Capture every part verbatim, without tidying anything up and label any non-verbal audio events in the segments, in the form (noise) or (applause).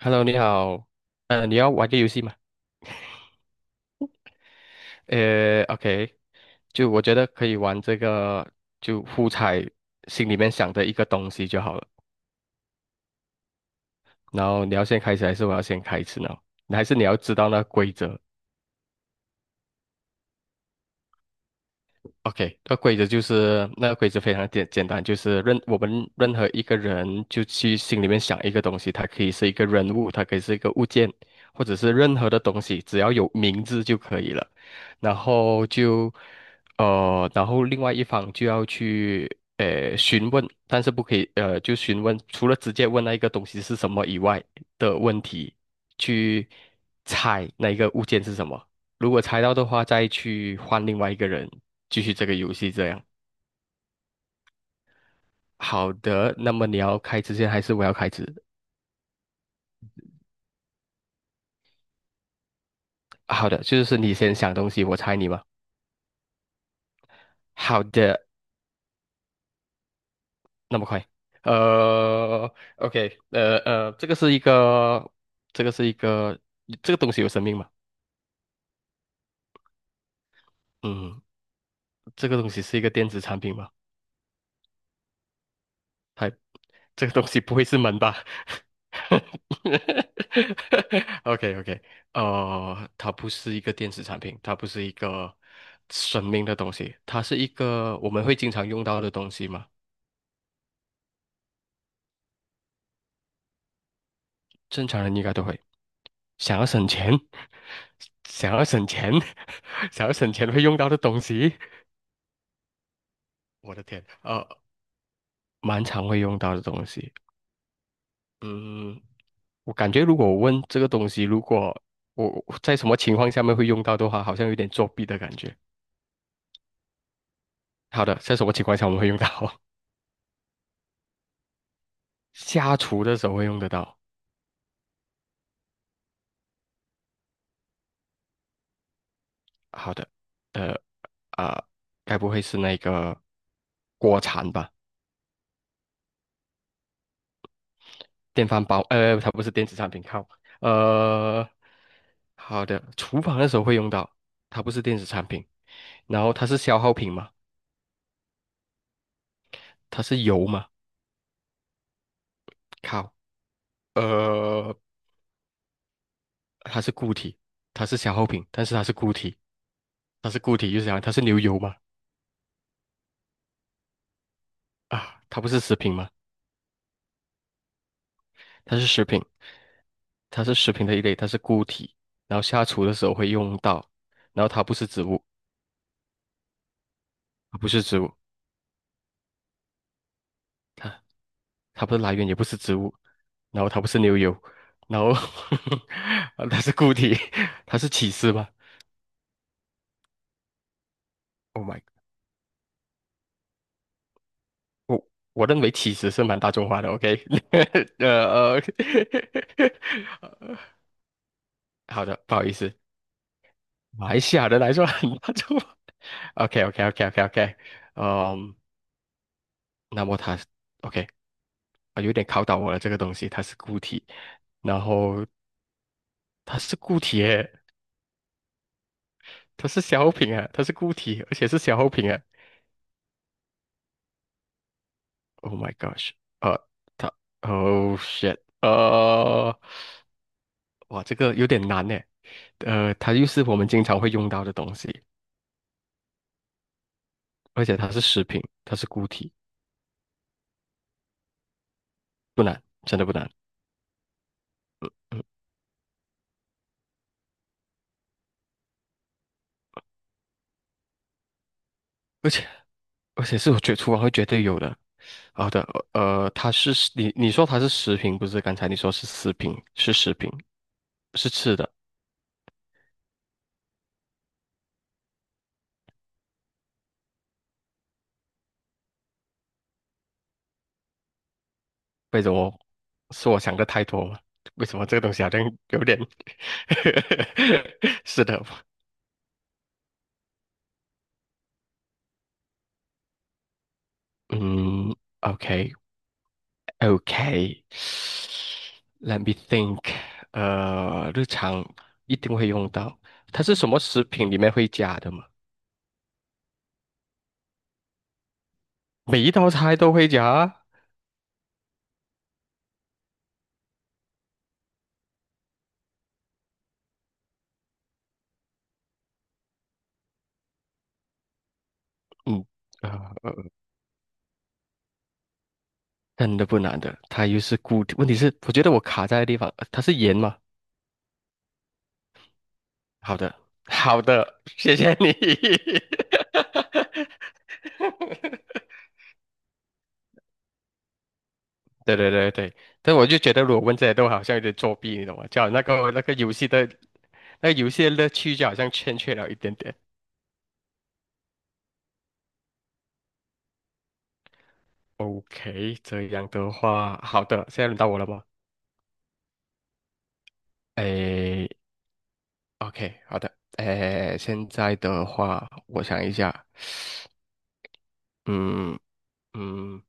Hello，你好。呃，你要玩个游戏吗？呃，OK，就我觉得可以玩这个，就互猜心里面想的一个东西就好了。然后你要先开始，还是我要先开始呢？还是你要知道那规则？OK，那规则就是那个规则非常简简单，就是任我们任何一个人就去心里面想一个东西，它可以是一个人物，它可以是一个物件，或者是任何的东西，只要有名字就可以了。然后就呃，然后另外一方就要去呃询问，但是不可以呃就询问，除了直接问那一个东西是什么以外的问题，去猜那一个物件是什么。如果猜到的话，再去换另外一个人。继续这个游戏这样。好的，那么你要开之前还是我要开始？好的，就是你先想东西，我猜你嘛。好的，那么快。呃，OK，呃呃，这个是一个，这个是一个，这个东西有生命吗？嗯，这个东西是一个电子产品吗？还。这个东西不会是门吧 (laughs)？OK OK，呃，它不是一个电子产品，它不是一个生命的东西，它是一个我们会经常用到的东西嘛？正常人应该都会。想要省钱，(laughs) 想要省钱，(laughs) 想要省钱会用到的东西，我的天，呃，蛮常会用到的东西。嗯，我感觉如果我问这个东西，如果我我在什么情况下面会用到的话，好像有点作弊的感觉。好的，在什么情况下我们会用到？(laughs) 下厨的时候会用得到。好的，呃啊、该不会是那个锅铲吧？电饭煲？呃，它不是电子产品，靠。呃，好的，厨房的时候会用到，它不是电子产品。然后它是消耗品嘛？它是油嘛？靠，呃，它是固体，它是消耗品，但是它是固体，它是固体，就是讲它是牛油嘛？啊，它不是食品嘛？它是食品，它是食品的一类，它是固体，然后下厨的时候会用到，然后它不是植物，它不是植物，它它不是来源，也不是植物，然后它不是牛油，然后 (laughs) 它是固体，它是起司吧？Oh my，我我认为起司是蛮大众化的，OK，(laughs) 呃呃，(laughs) 好的，不好意思，马来西亚人来说很大众化，OK OK OK OK OK，(laughs) 嗯，那么它 OK。啊，有点考倒我了。这个东西它是固体，然后它是固体耶，它是消耗品啊，它是固体，而且是消耗品啊。Oh my gosh，呃，它，Oh shit，呃，哇，这个有点难呢。呃，它又是我们经常会用到的东西，而且它是食品，它是固体，不难，真的不难。嗯，而且而且是我觉得厨房会绝对有的。好的，呃，它是食你你说它是食品，不是？刚才你说是食品，是食品，是吃的。为什么是我想的太多了？为什么这个东西好像有点 (laughs) 是的，嗯，OK，OK，Let me think，呃，日常一定会用到，它是什么食品里面会加的吗？每一道菜都会加啊嗯，呃，真的不难的，它又是固体，问题是我觉得我卡在的地方，呃它是盐吗？好的，(laughs) 好的，谢谢你。(laughs) 对对对对，但我就觉得，如果问这些都好像有点作弊，你懂吗？叫那个那个游戏的，那个游戏的乐趣就好像欠缺了一点点。OK，这样的话，好的，现在轮到我了吗？诶，OK，好的，诶，现在的话，我想一下，嗯嗯，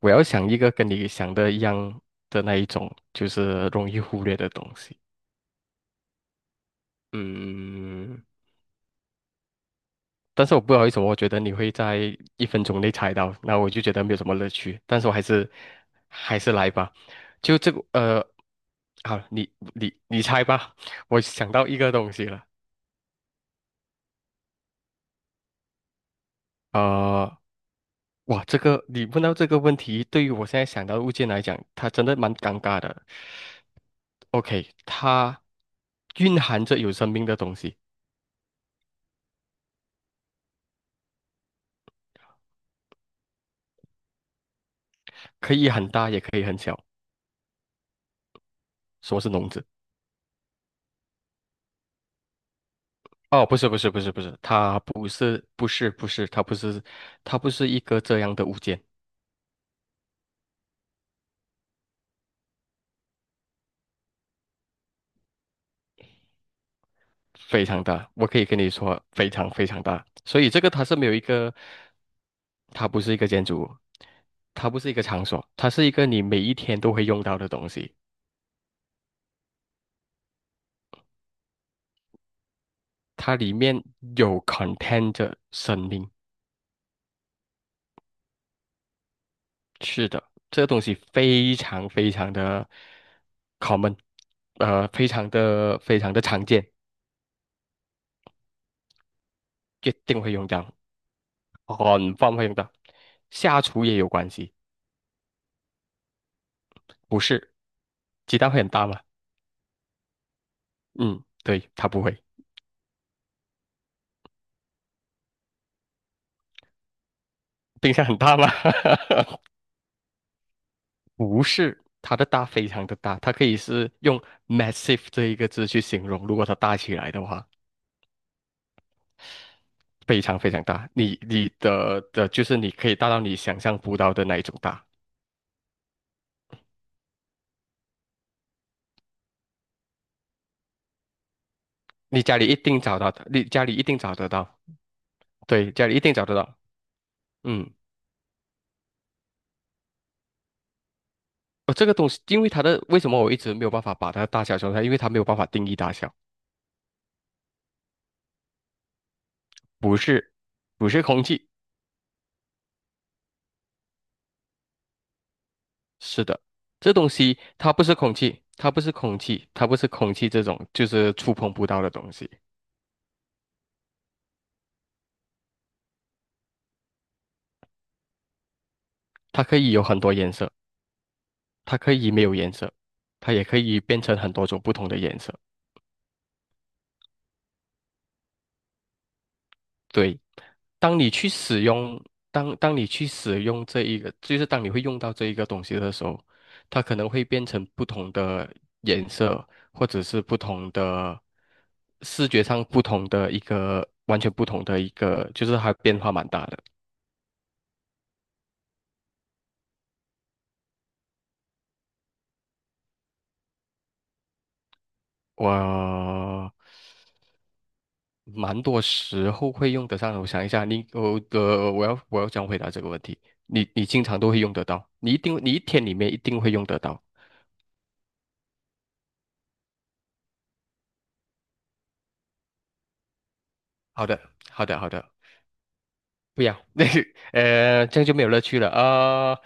我要想一个跟你想的一样的那一种，就是容易忽略的东西。嗯，但是我不好意思，我觉得你会在一分钟内猜到，那我就觉得没有什么乐趣。但是我还是还是来吧，就这个呃，好，你你你猜吧，我想到一个东西了，呃，哇，这个你问到这个问题，对于我现在想到的物件来讲，它真的蛮尴尬的。OK，它蕴含着有生命的东西，可以很大，也可以很小。说是笼子？哦，不是不是不是不是，它不是不是不是，它不是它不是一个这样的物件，非常大，我可以跟你说非常非常大，所以这个它是没有一个，它不是一个建筑物，它不是一个场所，它是一个你每一天都会用到的东西，它里面有 contain 着生命，是的，这个东西非常非常的 common，呃，非常的非常的常见，一定会用到。很方便的，下厨也有关系，不是？鸡蛋会很大吗？嗯，对，它不会。冰箱很大吗？(laughs) 不是，它的大非常的大，它可以是用 massive 这一个字去形容。如果它大起来的话，非常非常大，你你的的就是你可以大到你想象不到的那一种大。你家里一定找到的，你家里一定找得到，对，家里一定找得到。嗯，哦，这个东西，因为它的为什么我一直没有办法把它的大小说出来，因为它没有办法定义大小。不是，不是空气，是的，这东西它不是空气，它不是空气，它不是空气这种就是触碰不到的东西，它可以有很多颜色，它可以没有颜色，它也可以变成很多种不同的颜色。对，当你去使用，当当你去使用这一个，就是当你会用到这一个东西的时候，它可能会变成不同的颜色，或者是不同的视觉上不同的一个，完全不同的一个，就是它变化蛮大的。我蛮多时候会用得上的，我想一下，你我呃，我要我要怎样回答这个问题？你你经常都会用得到，你一定你一天里面一定会用得到。好的，好的，好的。不要，(laughs) 那个呃，这样就没有乐趣了。呃，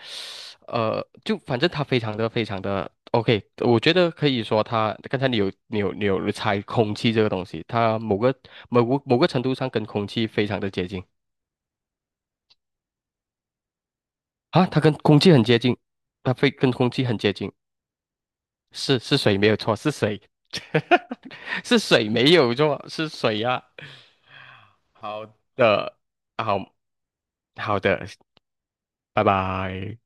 呃，就反正它非常的非常的 OK，我觉得可以说它刚才你有你有你有猜空气这个东西，它某个某个某个程度上跟空气非常的接近啊，它跟空气很接近，它非跟空气很接近，是是水没有错，是水，(laughs) 是水没有错，是水呀、啊好的，好好的，拜拜。